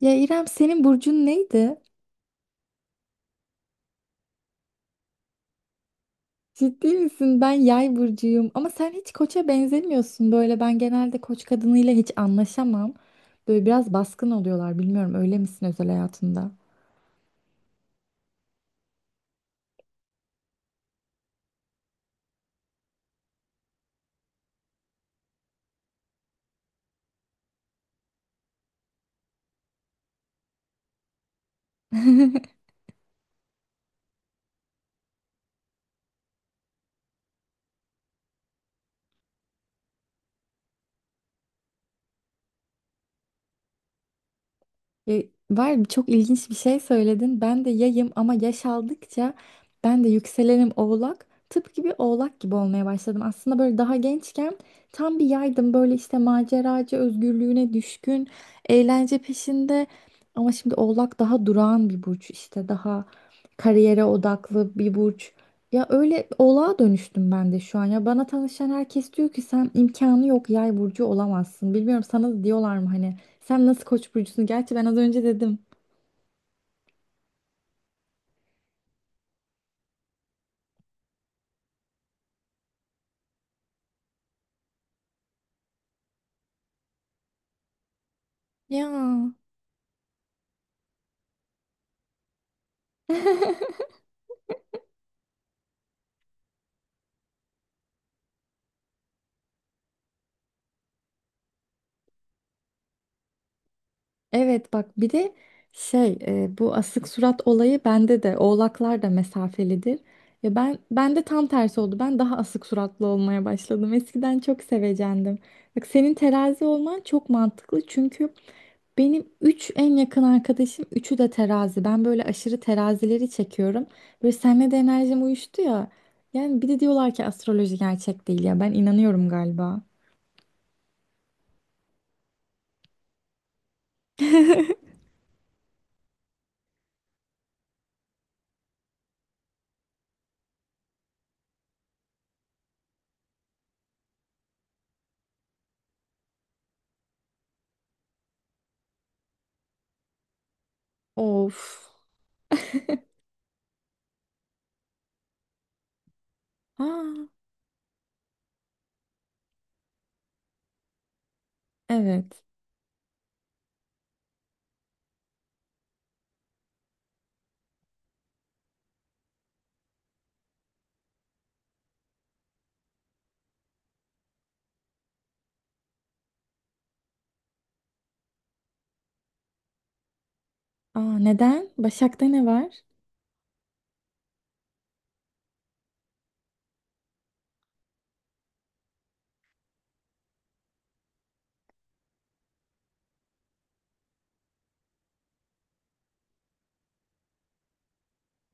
Ya İrem senin burcun neydi? Ciddi misin? Ben yay burcuyum. Ama sen hiç koça benzemiyorsun. Böyle ben genelde koç kadınıyla hiç anlaşamam. Böyle biraz baskın oluyorlar. Bilmiyorum öyle misin özel hayatında? Var çok ilginç bir şey söyledin. Ben de yayım ama yaş aldıkça ben de yükselenim oğlak. Tıpkı bir oğlak gibi olmaya başladım. Aslında böyle daha gençken tam bir yaydım. Böyle işte maceracı, özgürlüğüne düşkün, eğlence peşinde. Ama şimdi oğlak daha durağan bir burç. İşte daha kariyere odaklı bir burç. Ya öyle oğlağa dönüştüm ben de şu an. Ya bana tanışan herkes diyor ki sen imkanı yok yay burcu olamazsın. Bilmiyorum sana da diyorlar mı hani sen nasıl koç burcusun? Gerçi ben az önce dedim. Ya. Evet, bak bir de bu asık surat olayı bende de, oğlaklar da mesafelidir. Ve ben de tam tersi oldu. Ben daha asık suratlı olmaya başladım. Eskiden çok sevecendim. Bak senin terazi olman çok mantıklı çünkü benim 3 en yakın arkadaşım üçü de terazi. Ben böyle aşırı terazileri çekiyorum. Böyle seninle de enerjim uyuştu ya. Yani bir de diyorlar ki astroloji gerçek değil ya. Ben inanıyorum galiba. Of. Aa, evet. Aa, neden? Başak'ta ne var?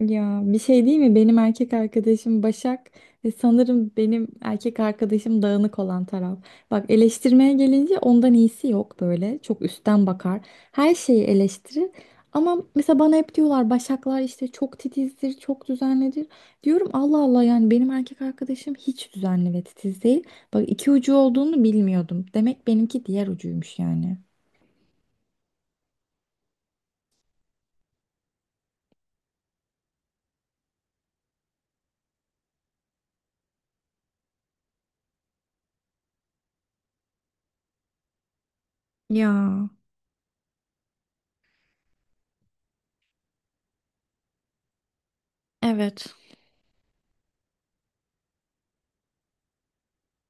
Ya bir şey değil mi? Benim erkek arkadaşım Başak ve sanırım benim erkek arkadaşım dağınık olan taraf. Bak eleştirmeye gelince ondan iyisi yok böyle. Çok üstten bakar. Her şeyi eleştirir. Ama mesela bana hep diyorlar Başaklar işte çok titizdir, çok düzenlidir. Diyorum Allah Allah, yani benim erkek arkadaşım hiç düzenli ve titiz değil. Bak iki ucu olduğunu bilmiyordum. Demek benimki diğer ucuymuş yani. Ya evet.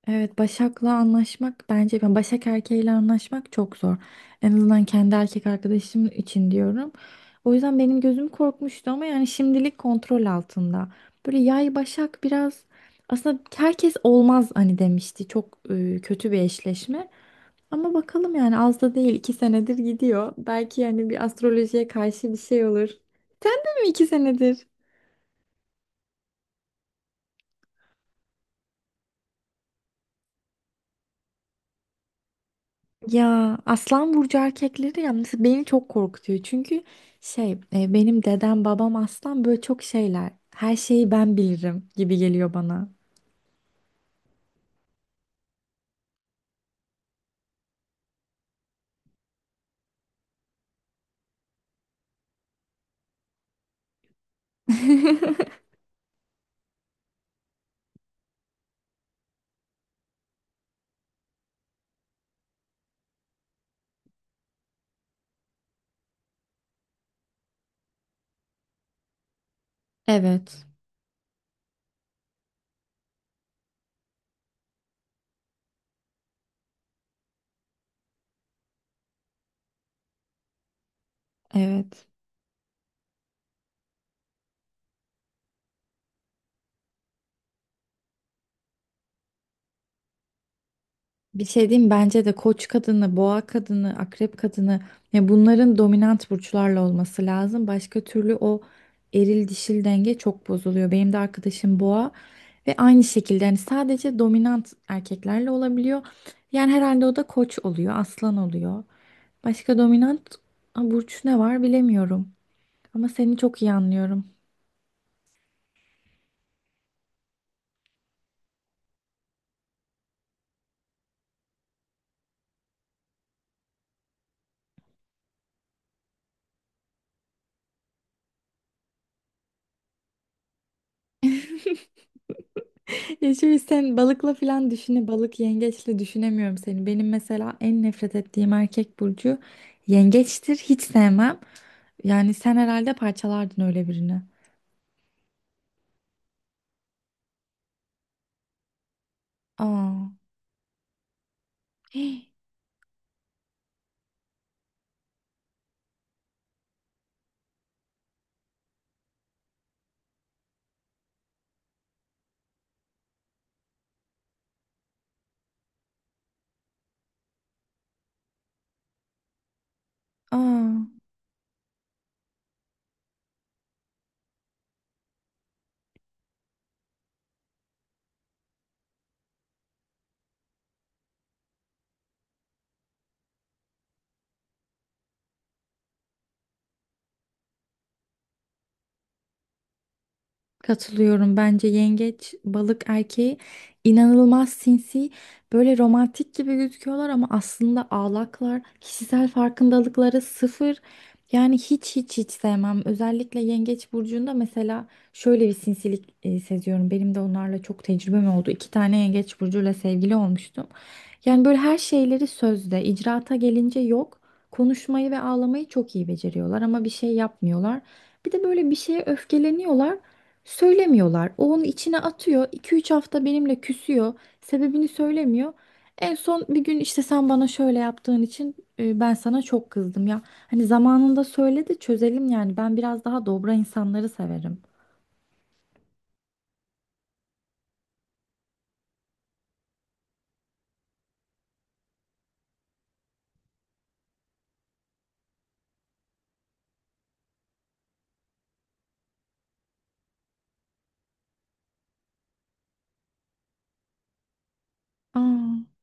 Evet, Başak'la anlaşmak, bence ben Başak erkeğiyle anlaşmak çok zor. En azından kendi erkek arkadaşım için diyorum. O yüzden benim gözüm korkmuştu ama yani şimdilik kontrol altında. Böyle yay Başak biraz, aslında herkes olmaz hani demişti. Çok kötü bir eşleşme. Ama bakalım, yani az da değil, iki senedir gidiyor. Belki yani bir astrolojiye karşı bir şey olur. Değil mi? İki senedir. Ya Aslan burcu erkekleri ya mesela beni çok korkutuyor. Çünkü benim dedem babam aslan, böyle çok şeyler. Her şeyi ben bilirim gibi geliyor bana. Evet, evet. Bir şey diyeyim, bence de koç kadını, boğa kadını, akrep kadını, ya bunların dominant burçlarla olması lazım. Başka türlü o eril dişil denge çok bozuluyor. Benim de arkadaşım boğa ve aynı şekilde yani sadece dominant erkeklerle olabiliyor. Yani herhalde o da koç oluyor, aslan oluyor. Başka dominant, ha, burç ne var bilemiyorum. Ama seni çok iyi anlıyorum. Ya şimdi sen balıkla falan düşüne balık yengeçle düşünemiyorum seni. Benim mesela en nefret ettiğim erkek burcu yengeçtir. Hiç sevmem. Yani sen herhalde parçalardın öyle birini. Aa. Hii. Aa. Katılıyorum. Bence yengeç, balık erkeği inanılmaz sinsi, böyle romantik gibi gözüküyorlar ama aslında ağlaklar, kişisel farkındalıkları sıfır. Yani hiç hiç hiç sevmem. Özellikle yengeç burcunda mesela şöyle bir sinsilik seziyorum. Benim de onlarla çok tecrübem oldu. İki tane yengeç burcuyla sevgili olmuştum. Yani böyle her şeyleri sözde, icraata gelince yok. Konuşmayı ve ağlamayı çok iyi beceriyorlar ama bir şey yapmıyorlar. Bir de böyle bir şeye öfkeleniyorlar. Söylemiyorlar. O onu içine atıyor. İki üç hafta benimle küsüyor. Sebebini söylemiyor. En son bir gün işte sen bana şöyle yaptığın için ben sana çok kızdım ya. Hani zamanında söyle de çözelim yani. Ben biraz daha dobra insanları severim. Aa,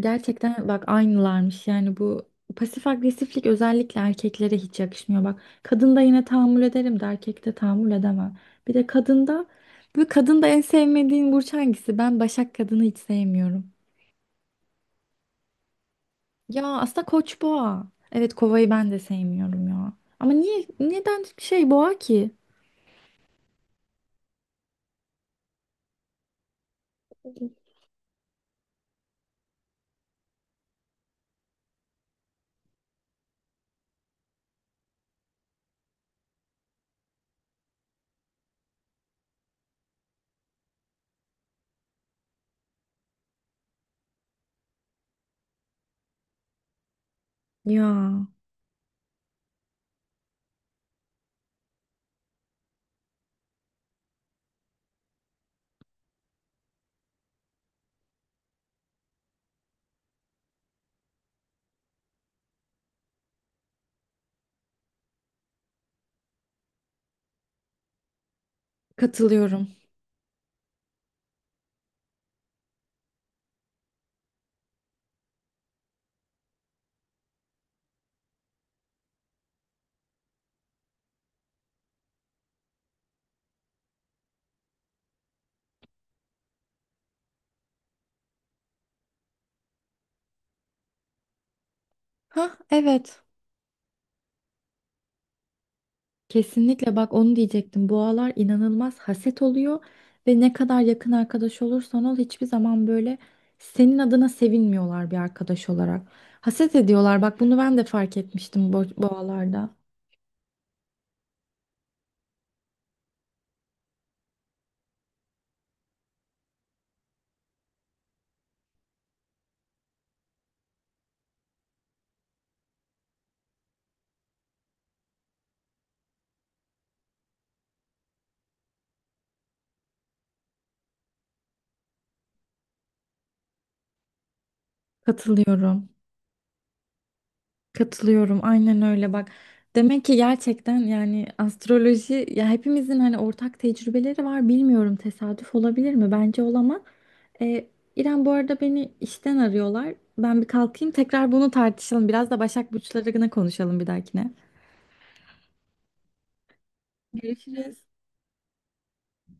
gerçekten bak aynılarmış. Yani bu pasif agresiflik özellikle erkeklere hiç yakışmıyor. Bak kadında yine tahammül ederim de erkekte tahammül edemem. Bir de kadında, bu kadında en sevmediğin burç hangisi? Ben başak kadını hiç sevmiyorum. Ya aslında koç boğa. Evet kovayı ben de sevmiyorum ya. Ama niye, neden şey boğa ki? Ya katılıyorum. Ha evet. Kesinlikle, bak onu diyecektim. Boğalar inanılmaz haset oluyor ve ne kadar yakın arkadaş olursan ol hiçbir zaman böyle senin adına sevinmiyorlar bir arkadaş olarak. Haset ediyorlar. Bak bunu ben de fark etmiştim boğalarda. Katılıyorum. Katılıyorum aynen öyle bak. Demek ki gerçekten yani astroloji, ya hepimizin hani ortak tecrübeleri var, bilmiyorum tesadüf olabilir mi? Bence olamaz. Ee, İrem bu arada beni işten arıyorlar. Ben bir kalkayım, tekrar bunu tartışalım. Biraz da Başak Burçları'na konuşalım bir dahakine. Görüşürüz.